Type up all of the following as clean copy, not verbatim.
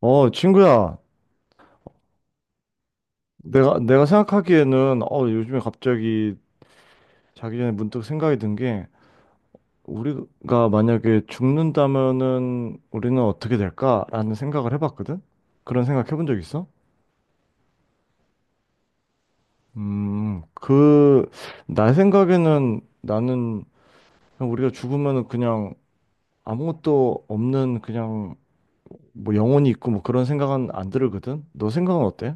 친구야, 내가 생각하기에는, 요즘에 갑자기 자기 전에 문득 생각이 든 게, 우리가 만약에 죽는다면은 우리는 어떻게 될까라는 생각을 해봤거든? 그런 생각 해본 적 있어? 음, 그, 나 생각에는 나는 그냥 우리가 죽으면은 그냥 아무것도 없는 그냥 뭐 영혼이 있고 뭐 그런 생각은 안 들거든? 너 생각은 어때?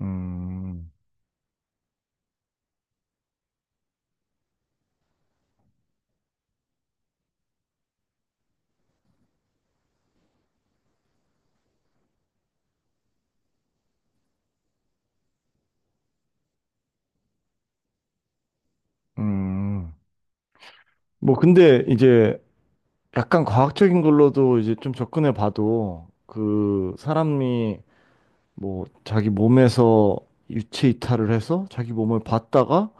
음. 음. 뭐 근데 이제 약간 과학적인 걸로도 이제 좀 접근해 봐도 그 사람이 뭐 자기 몸에서 유체 이탈을 해서 자기 몸을 봤다가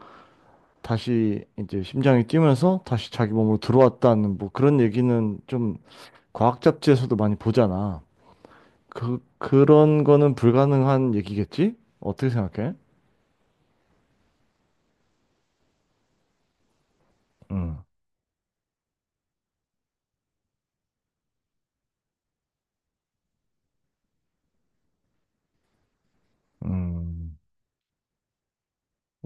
다시 이제 심장이 뛰면서 다시 자기 몸으로 들어왔다는 뭐 그런 얘기는 좀 과학 잡지에서도 많이 보잖아. 그런 거는 불가능한 얘기겠지? 어떻게 생각해? 음. 음.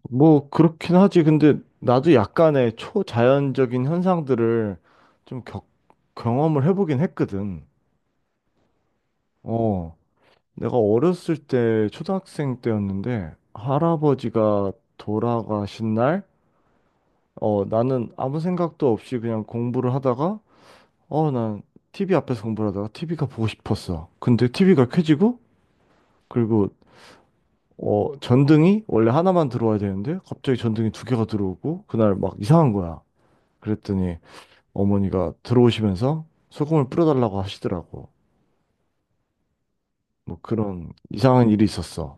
뭐 그렇긴 하지. 근데 나도 약간의 초자연적인 현상들을 좀 경험을 해보긴 했거든. 어, 내가 어렸을 때 초등학생 때였는데 할아버지가 돌아가신 날, 나는 아무 생각도 없이 그냥 공부를 하다가, 난 TV 앞에서 공부를 하다가 TV가 보고 싶었어. 근데 TV가 켜지고, 그리고 전등이 원래 하나만 들어와야 되는데 갑자기 전등이 두 개가 들어오고 그날 막 이상한 거야. 그랬더니 어머니가 들어오시면서 소금을 뿌려달라고 하시더라고. 뭐 그런 이상한 일이 있었어.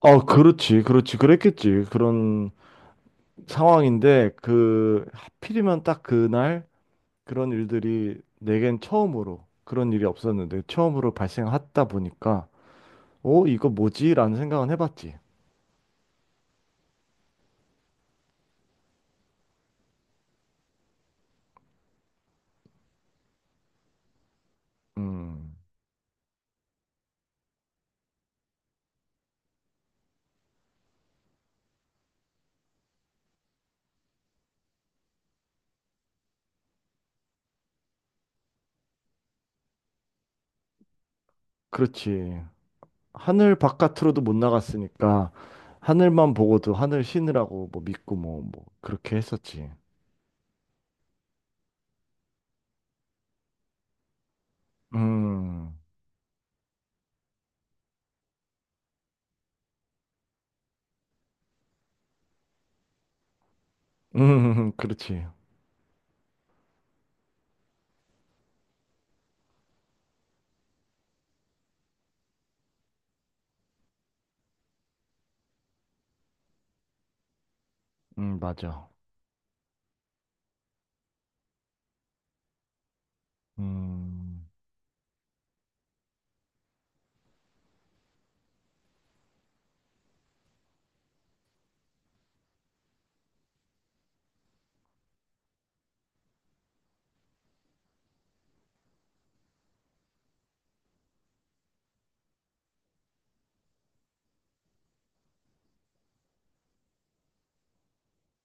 아, 그렇지, 그렇지, 그랬겠지. 그런 상황인데, 하필이면 딱 그날 그런 일들이 내겐 처음으로, 그런 일이 없었는데, 처음으로 발생하다 보니까, 이거 뭐지? 라는 생각은 해봤지. 음, 그렇지. 하늘 바깥으로도 못 나갔으니까, 하늘만 보고도 하늘 신으라고 뭐 믿고 뭐, 그렇게 했었지. 음. 음. 그렇지. 맞아. 음.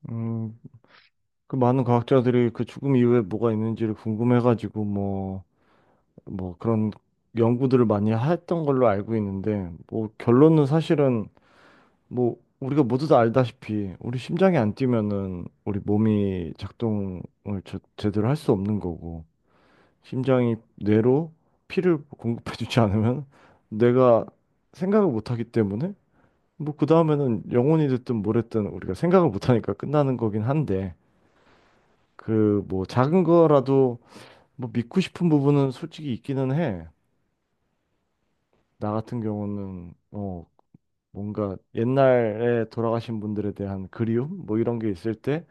음. 그 많은 과학자들이 그 죽음 이후에 뭐가 있는지를 궁금해가지고 뭐 그런 연구들을 많이 했던 걸로 알고 있는데, 뭐 결론은 사실은 뭐 우리가 모두 다 알다시피 우리 심장이 안 뛰면은 우리 몸이 작동을 제대로 할 수 없는 거고, 심장이 뇌로 피를 공급해주지 않으면 뇌가 생각을 못 하기 때문에 뭐 그 다음에는 영혼이 됐든 뭘 했든 우리가 생각을 못 하니까 끝나는 거긴 한데 그 뭐 작은 거라도 뭐 믿고 싶은 부분은 솔직히 있기는 해. 나 같은 경우는 뭔가 옛날에 돌아가신 분들에 대한 그리움 뭐 이런 게 있을 때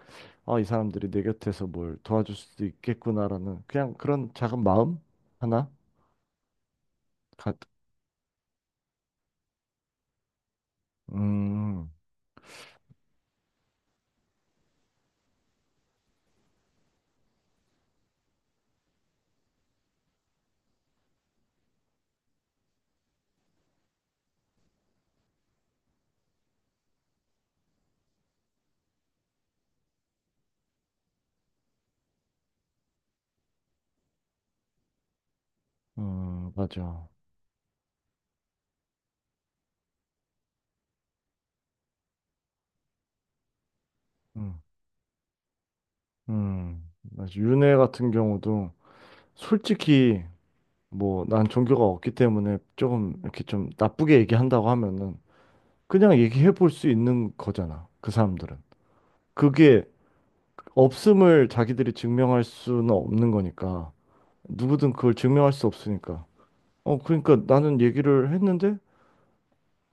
아, 이 사람들이 내 곁에서 뭘 도와줄 수도 있겠구나라는 그냥 그런 작은 마음 하나 가, 음. 음. 맞아. 음. 음. 맞아. 윤회 같은 경우도 솔직히 뭐 난 종교가 없기 때문에 조금 이렇게 좀 나쁘게 얘기한다고 하면은 그냥 얘기해 볼 수 있는 거잖아. 그 사람들은. 그게 없음을 자기들이 증명할 수는 없는 거니까. 누구든 그걸 증명할 수 없으니까. 그러니까 나는 얘기를 했는데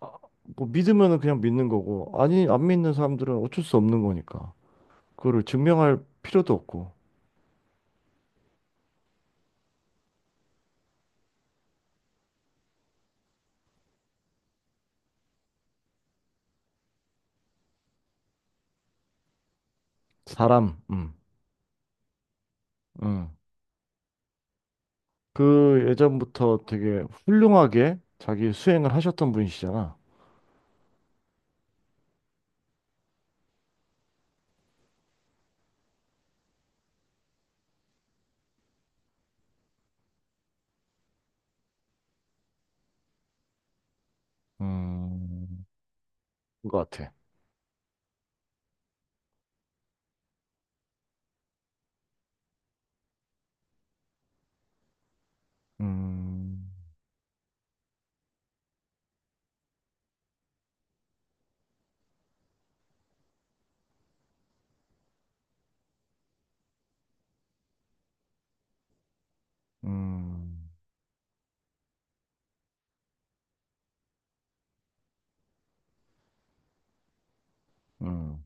아, 뭐 믿으면은 그냥 믿는 거고 아니 안 믿는 사람들은 어쩔 수 없는 거니까. 그거를 증명할 필요도 없고. 사람. 음. 음. 그 예전부터 되게 훌륭하게 자기 수행을 하셨던 분이시잖아. 음, 그거 같아. 음. 음. 음.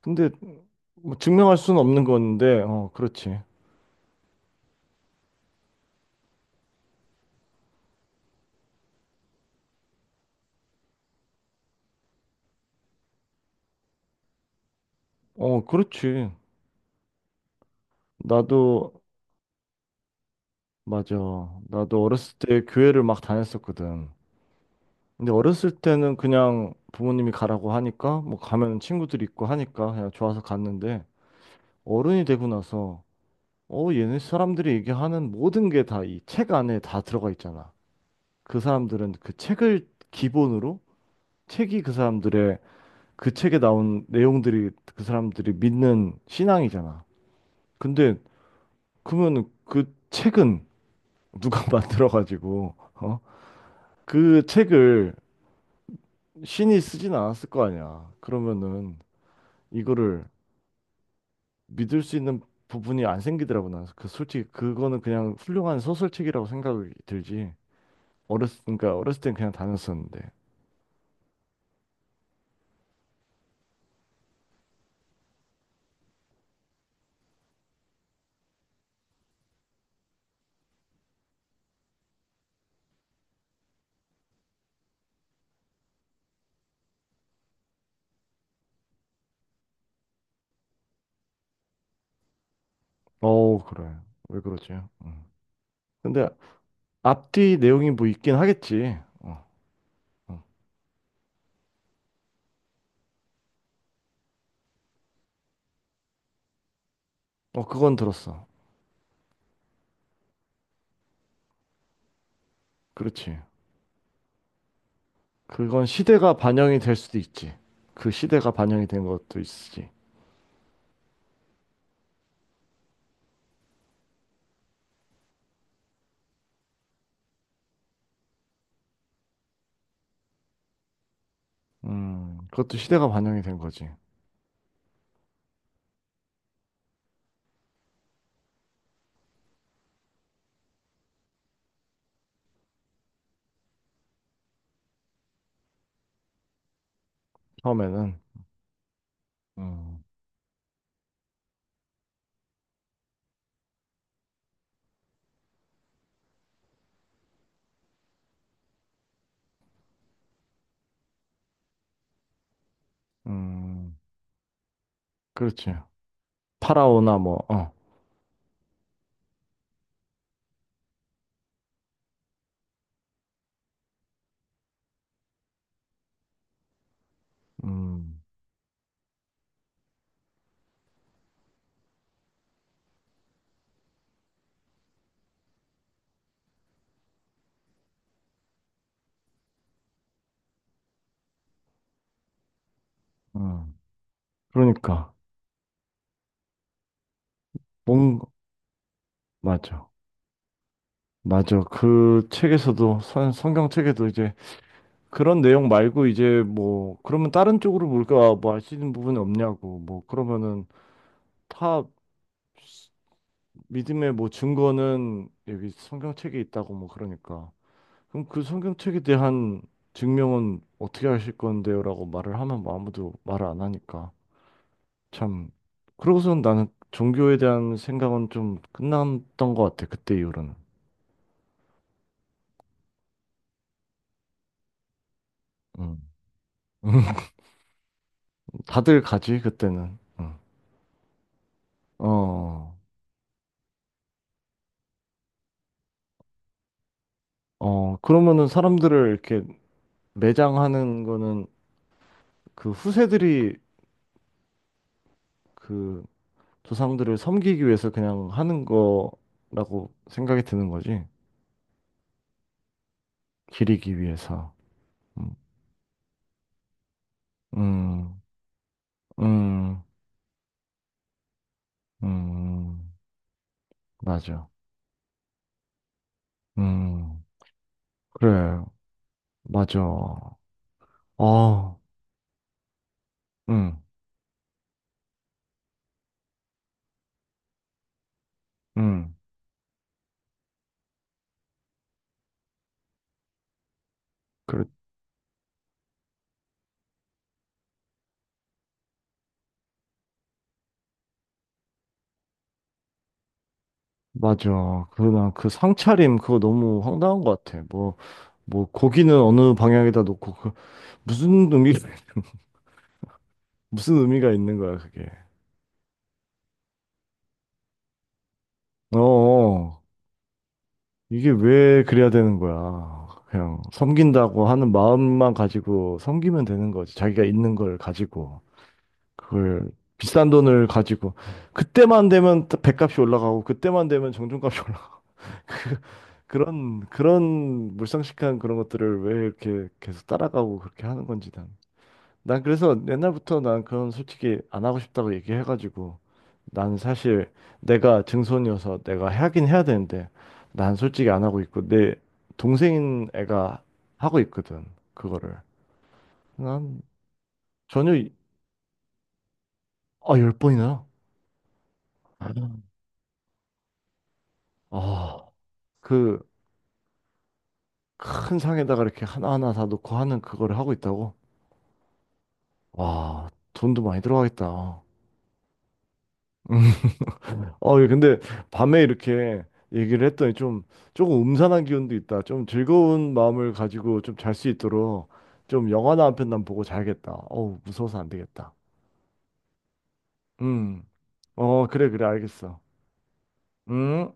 근데 뭐 증명할 수는 없는 건데, 그렇지. 그렇지. 나도 맞아. 나도 어렸을 때 교회를 막 다녔었거든. 근데 어렸을 때는 그냥 부모님이 가라고 하니까 뭐 가면 친구들이 있고 하니까 그냥 좋아서 갔는데 어른이 되고 나서 얘네 사람들이 얘기하는 모든 게 다 이 책 안에 다 들어가 있잖아. 그 사람들은 그 책을 기본으로 책이 그 사람들의 그 책에 나온 내용들이 그 사람들이 믿는 신앙이잖아. 근데 그러면 그 책은 누가 만들어가지고 어? 그 책을 신이 쓰진 않았을 거 아니야. 그러면은 이거를 믿을 수 있는 부분이 안 생기더라고 나. 그 솔직히 그거는 그냥 훌륭한 소설책이라고 생각이 들지. 어렸 그러니까 어렸을 땐 그냥 다녔었는데. 어 그래. 왜 그러지? 응. 근데 앞뒤 내용이 뭐 있긴 하겠지. 어, 어. 어, 그건 들었어. 그렇지. 그건 시대가 반영이 될 수도 있지. 그 시대가 반영이 된 것도 있지. 그것도 시대가 반영이 된 거지. 처음에는. 음. 음. 그렇지. 파라오나 뭐, 음. 음. 그러니까, 뭔, 맞아. 맞아. 그 책에서도, 성경 책에도 이제 그런 내용 말고 이제 뭐, 그러면 다른 쪽으로 뭘까, 뭐할 수 있는 부분이 없냐고. 뭐, 그러면은 다 믿음의 뭐 증거는 여기 성경책에 있다고 뭐 그러니까. 그럼 그 성경책에 대한 증명은 어떻게 하실 건데요라고 말을 하면 뭐 아무도 말을 안 하니까 참 그러고선 나는 종교에 대한 생각은 좀 끝났던 것 같아 그때 이후로는. 음. 다들 가지 그때는. 음. 어, 어, 그러면은 사람들을 이렇게 매장하는 거는 그 후세들이 그 조상들을 섬기기 위해서 그냥 하는 거라고 생각이 드는 거지. 기리기 위해서. 음. 음. 음. 음, 맞아. 음, 그래, 맞아. 아, 응, 응, 그래, 맞아. 나 그 상차림 그거 너무 황당한 것 같아. 뭐, 고기는 어느 방향에다 놓고, 무슨 의미, 무슨 의미가 있는 거야, 그게. 어, 어. 이게 왜 그래야 되는 거야. 그냥 섬긴다고 하는 마음만 가지고 섬기면 되는 거지. 자기가 있는 걸 가지고. 그걸 비싼 돈을 가지고 그때만 되면 또 배값이 올라가고 그때만 되면 정중값이 올라가고 그런 물상식한 그런 것들을 왜 이렇게 계속 따라가고 그렇게 하는 건지 난. 난 그래서 옛날부터 난 그런 솔직히 안 하고 싶다고 얘기해가지고 난 사실 내가 증손이어서 내가 하긴 해야 되는데 난 솔직히 안 하고 있고 내 동생인 애가 하고 있거든 그거를. 난 전혀 아, 열 번이나. 아, 그 큰 상에다가 이렇게 하나하나 다 놓고 하는 그거를 하고 있다고? 와, 돈도 많이 들어가겠다. 어, 예, 근데 밤에 이렇게 얘기를 했더니 좀 조금 음산한 기운도 있다. 좀 즐거운 마음을 가지고 좀 잘 수 있도록 좀 영화나 한 편 난 보고 자야겠다. 어우, 무서워서 안 되겠다. 음. 어, 그래, 그래, 알겠어. 음.